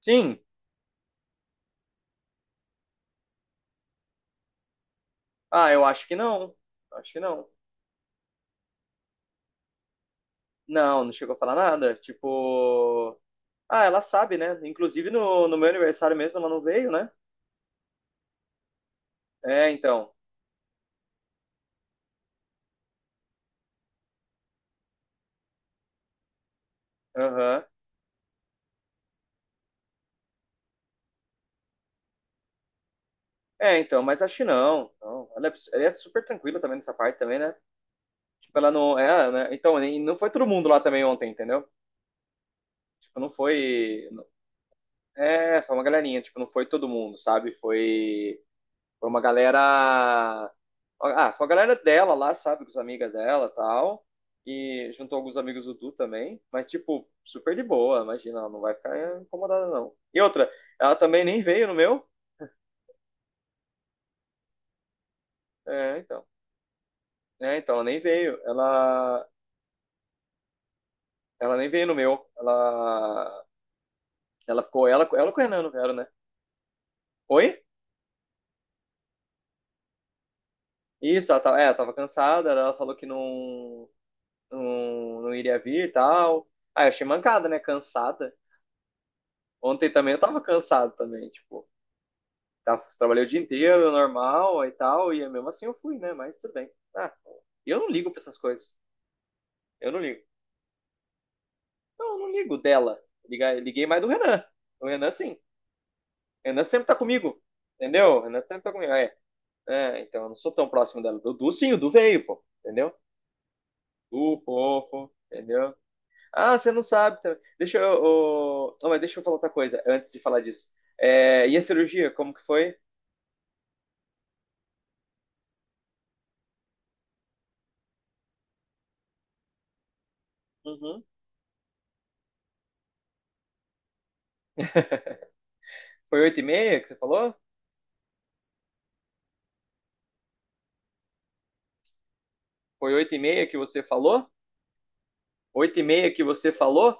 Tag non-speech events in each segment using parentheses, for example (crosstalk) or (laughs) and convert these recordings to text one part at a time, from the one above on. Sim? Ah, eu acho que não. Acho que não. Não, não chegou a falar nada. Tipo. Ah, ela sabe, né? Inclusive no meu aniversário mesmo ela não veio, né? É, então. Aham. É, então, mas acho que não. Não. Ela é super tranquila também nessa parte também, né? Tipo, ela não. É, né? Então, e não foi todo mundo lá também ontem, entendeu? Tipo, não foi. É, foi uma galerinha, tipo, não foi todo mundo, sabe? Foi. Foi uma galera. Ah, foi a galera dela lá, sabe? Com as amigas dela e tal. E juntou alguns amigos do Du também. Mas, tipo, super de boa, imagina, ela não vai ficar incomodada, não. E outra, ela também nem veio no meu. É, então. É, então, ela nem veio. Ela. Ela nem veio no meu. Ela. Ela ficou. Ela com o Renan, não vieram, né? Oi? Isso, ela tava, é, ela tava cansada, ela falou que não, não iria vir e tal. Ah, eu achei mancada, né? Cansada. Ontem também eu tava cansado também, tipo, trabalhei o dia inteiro, normal e tal, e mesmo assim eu fui, né? Mas tudo bem. Ah, eu não ligo pra essas coisas. Eu não ligo. Não, eu não ligo dela. Liguei mais do Renan. O Renan, sim. O Renan sempre tá comigo. Entendeu? O Renan sempre tá comigo. É, então eu não sou tão próximo dela. Do Du, sim, o Du veio, pô. Entendeu? Du, fofo. Entendeu? Ah, você não sabe. Tá? Deixa eu. Ô, não, mas deixa eu falar outra coisa antes de falar disso. É, e a cirurgia, como que foi? Uhum. Foi oito e meia que você falou? Foi 8 e meia que você falou? 8 e meia que você falou?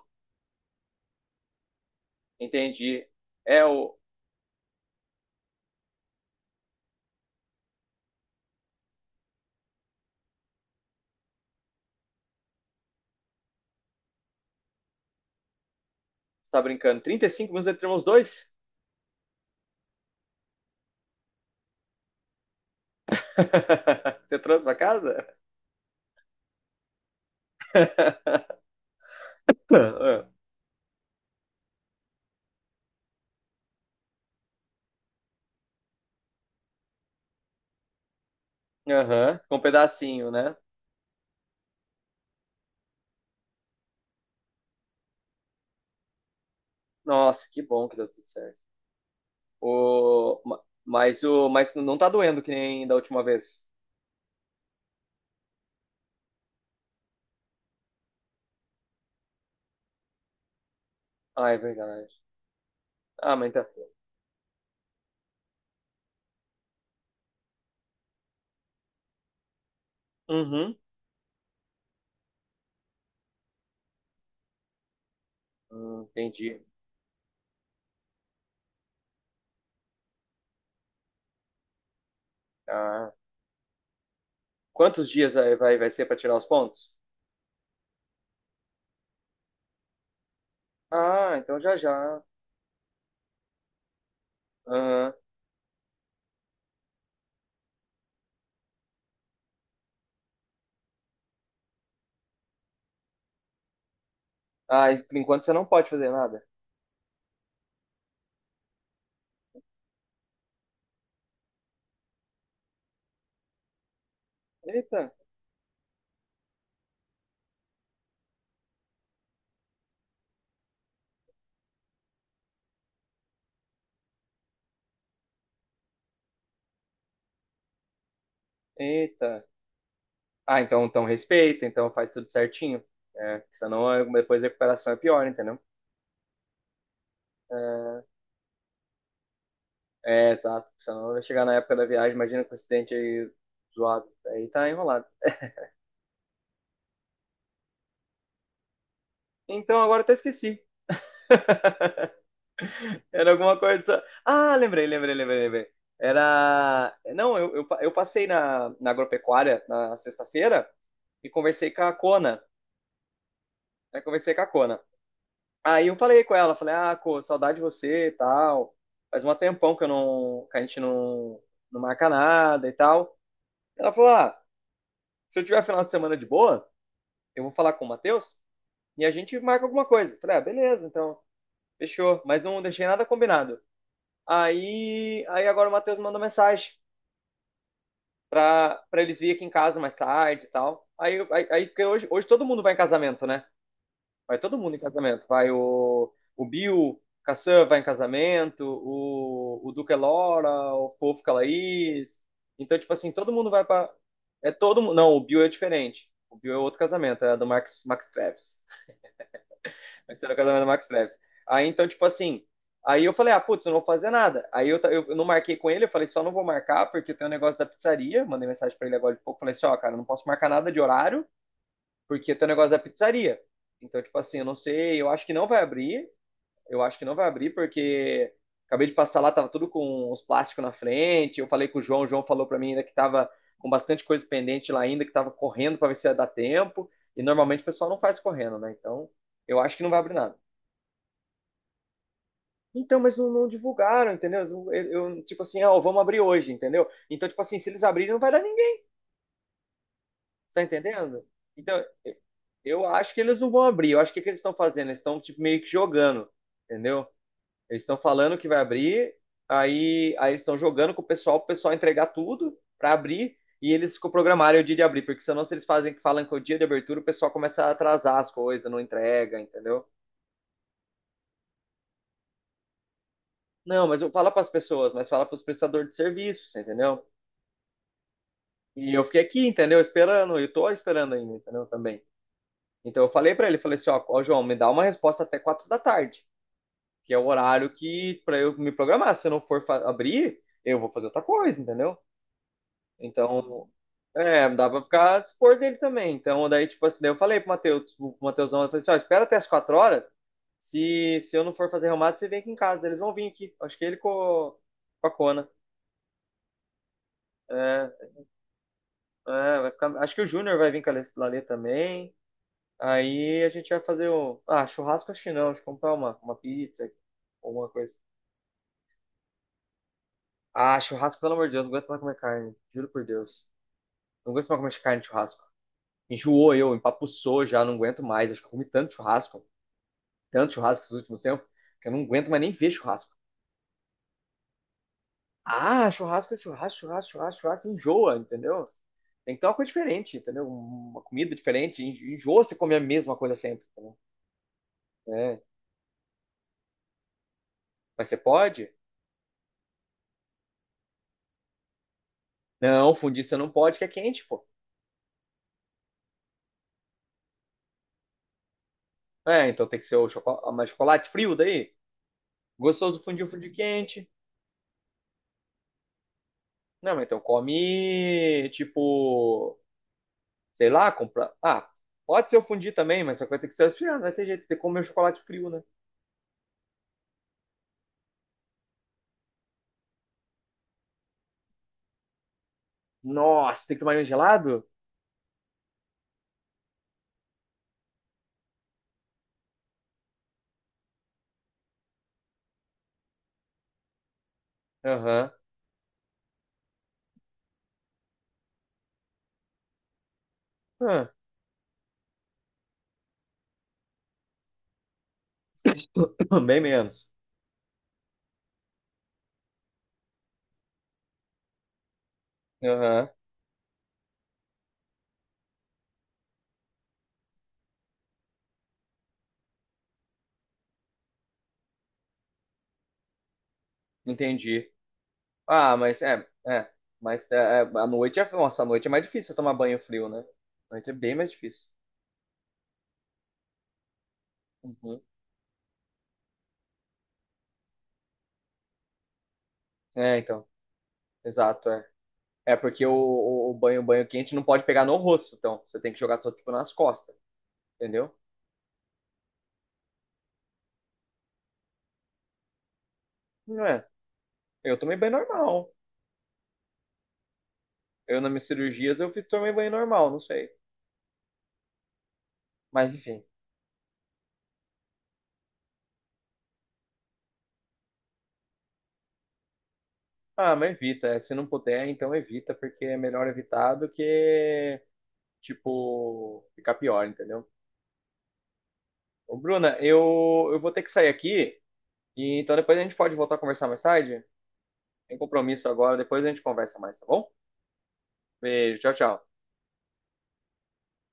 Entendi. É o. Você tá brincando? 35 minutos entre termos dois? (laughs) Você trouxe pra casa? (laughs) Aham. Com um pedacinho, né? Nossa, que bom que deu tudo certo. Mas mas não tá doendo que nem da última vez. Ah, é verdade. Ah, mas tá. Uhum. Entendi. Ah. Quantos dias aí vai ser pra tirar os pontos? Ah, então já já. Ah, e por enquanto você não pode fazer nada. Eita, eita. Ah, então, então respeita, então faz tudo certinho. É, porque senão depois a recuperação é pior, entendeu? É, exato. Porque senão vai chegar na época da viagem, imagina com o acidente aí zoado. Aí tá enrolado. Então agora eu até esqueci. (laughs) Era alguma coisa. Ah, lembrei. Era. Não, eu passei na agropecuária na sexta-feira e conversei com a Cona. Eu conversei com a Cona. Aí eu falei com ela, falei, ah, pô, saudade de você e tal. Faz um tempão que eu não, que a gente não marca nada e tal. Ela falou, ah, se eu tiver final de semana de boa, eu vou falar com o Matheus e a gente marca alguma coisa. Eu falei, ah, beleza, então, fechou. Mas não deixei nada combinado. Aí agora o Matheus mandou mensagem pra eles virem aqui em casa mais tarde e tal. Aí porque hoje todo mundo vai em casamento, né? Vai todo mundo em casamento. Vai o Bill, Cassan vai em casamento, o Duque é Laura, o Fofo Calaís. Então, tipo assim, todo mundo vai pra. É todo mundo. Não, o Bill é diferente. O Bill é outro casamento, é do Max, Max Travis. Vai ser o casamento do Max Travis. Aí, então, tipo assim. Aí eu falei, ah, putz, eu não vou fazer nada. Aí eu, ta- eu não marquei com ele, eu falei, só não vou marcar porque eu tenho um negócio da pizzaria. Mandei mensagem pra ele agora de pouco, falei assim, ó, cara, eu não posso marcar nada de horário, porque tem o negócio da pizzaria. Então, tipo assim, eu não sei, eu acho que não vai abrir, eu acho que não vai abrir, porque acabei de passar lá, tava tudo com os plásticos na frente, eu falei com o João falou pra mim ainda que tava com bastante coisa pendente lá ainda, que tava correndo pra ver se ia dar tempo, e normalmente o pessoal não faz correndo, né? Então, eu acho que não vai abrir nada. Então, mas não, não divulgaram, entendeu? Eu, tipo assim, ó, vamos abrir hoje, entendeu? Então, tipo assim, se eles abrirem, não vai dar. Tá entendendo? Então, eu acho que eles não vão abrir. Eu acho que o que eles estão fazendo? Eles estão tipo, meio que jogando, entendeu? Eles estão falando que vai abrir, aí eles estão jogando com o pessoal entregar tudo para abrir, e eles programaram o dia de abrir, porque senão se eles fazem que falam que é o dia de abertura, o pessoal começa a atrasar as coisas, não entrega, entendeu? Não, mas eu falo para as pessoas, mas fala para os prestadores de serviços, entendeu? E eu fiquei aqui, entendeu? Esperando, eu tô esperando ainda, entendeu? Também. Então eu falei para ele, falei assim, ó, João, me dá uma resposta até quatro da tarde, que é o horário que para eu me programar. Se eu não for abrir, eu vou fazer outra coisa, entendeu? Então, é, dá pra ficar a dispor dele também. Então, daí, tipo assim, daí eu falei pro Matheus, pro Matheusão, eu falei assim, ó, espera até as quatro horas. Se eu não for fazer remate, você vem aqui em casa. Eles vão vir aqui. Acho que ele com a Cona. É, é, vai acho que o Júnior vai vir com a Lale Lale também. Aí a gente vai fazer o. Ah, churrasco acho que não. Acho que comprar uma pizza, alguma coisa. Ah, churrasco, pelo amor de Deus, não aguento mais comer carne. Juro por Deus. Não aguento mais comer carne de churrasco. Enjoou eu, empapuçou já, não aguento mais. Acho que eu comi tanto churrasco esses últimos tempos, que eu não aguento mais nem ver churrasco. Ah, churrasco é churrasco, enjoa, entendeu? Tem que ter uma coisa diferente, entendeu? Uma comida diferente. Enjoa você comer a mesma coisa sempre, entendeu? É. Mas você pode? Não, fundir você não pode, que é quente, pô. É, então tem que ser mas chocolate frio daí. Gostoso fundir um fundir quente. Não, mas então come, tipo, sei lá, comprar. Ah, pode ser eu fundir também, mas só que vai ter que ser resfriado, não vai ter jeito, tem que comer um chocolate frio, né? Nossa, tem que tomar ele gelado? Aham. Ah, (coughs) (clears throat) bem menos. Aham, entendi. Ah. Mas a noite é. Nossa, a noite é mais difícil você tomar banho frio, né? A noite é bem mais difícil. Uhum. É, então. Exato, é. É porque o banho, o banho quente não pode pegar no rosto, então. Você tem que jogar só, tipo, nas costas, entendeu? Não é. Eu tomei banho normal. Eu, nas minhas cirurgias, tomei banho normal, não sei. Mas enfim. Ah, mas evita. É, se não puder, então evita, porque é melhor evitar do que, tipo, ficar pior, entendeu? Ô, Bruna, eu vou ter que sair aqui, e então depois a gente pode voltar a conversar mais tarde. Tem compromisso agora, depois a gente conversa mais, tá bom? Beijo, tchau.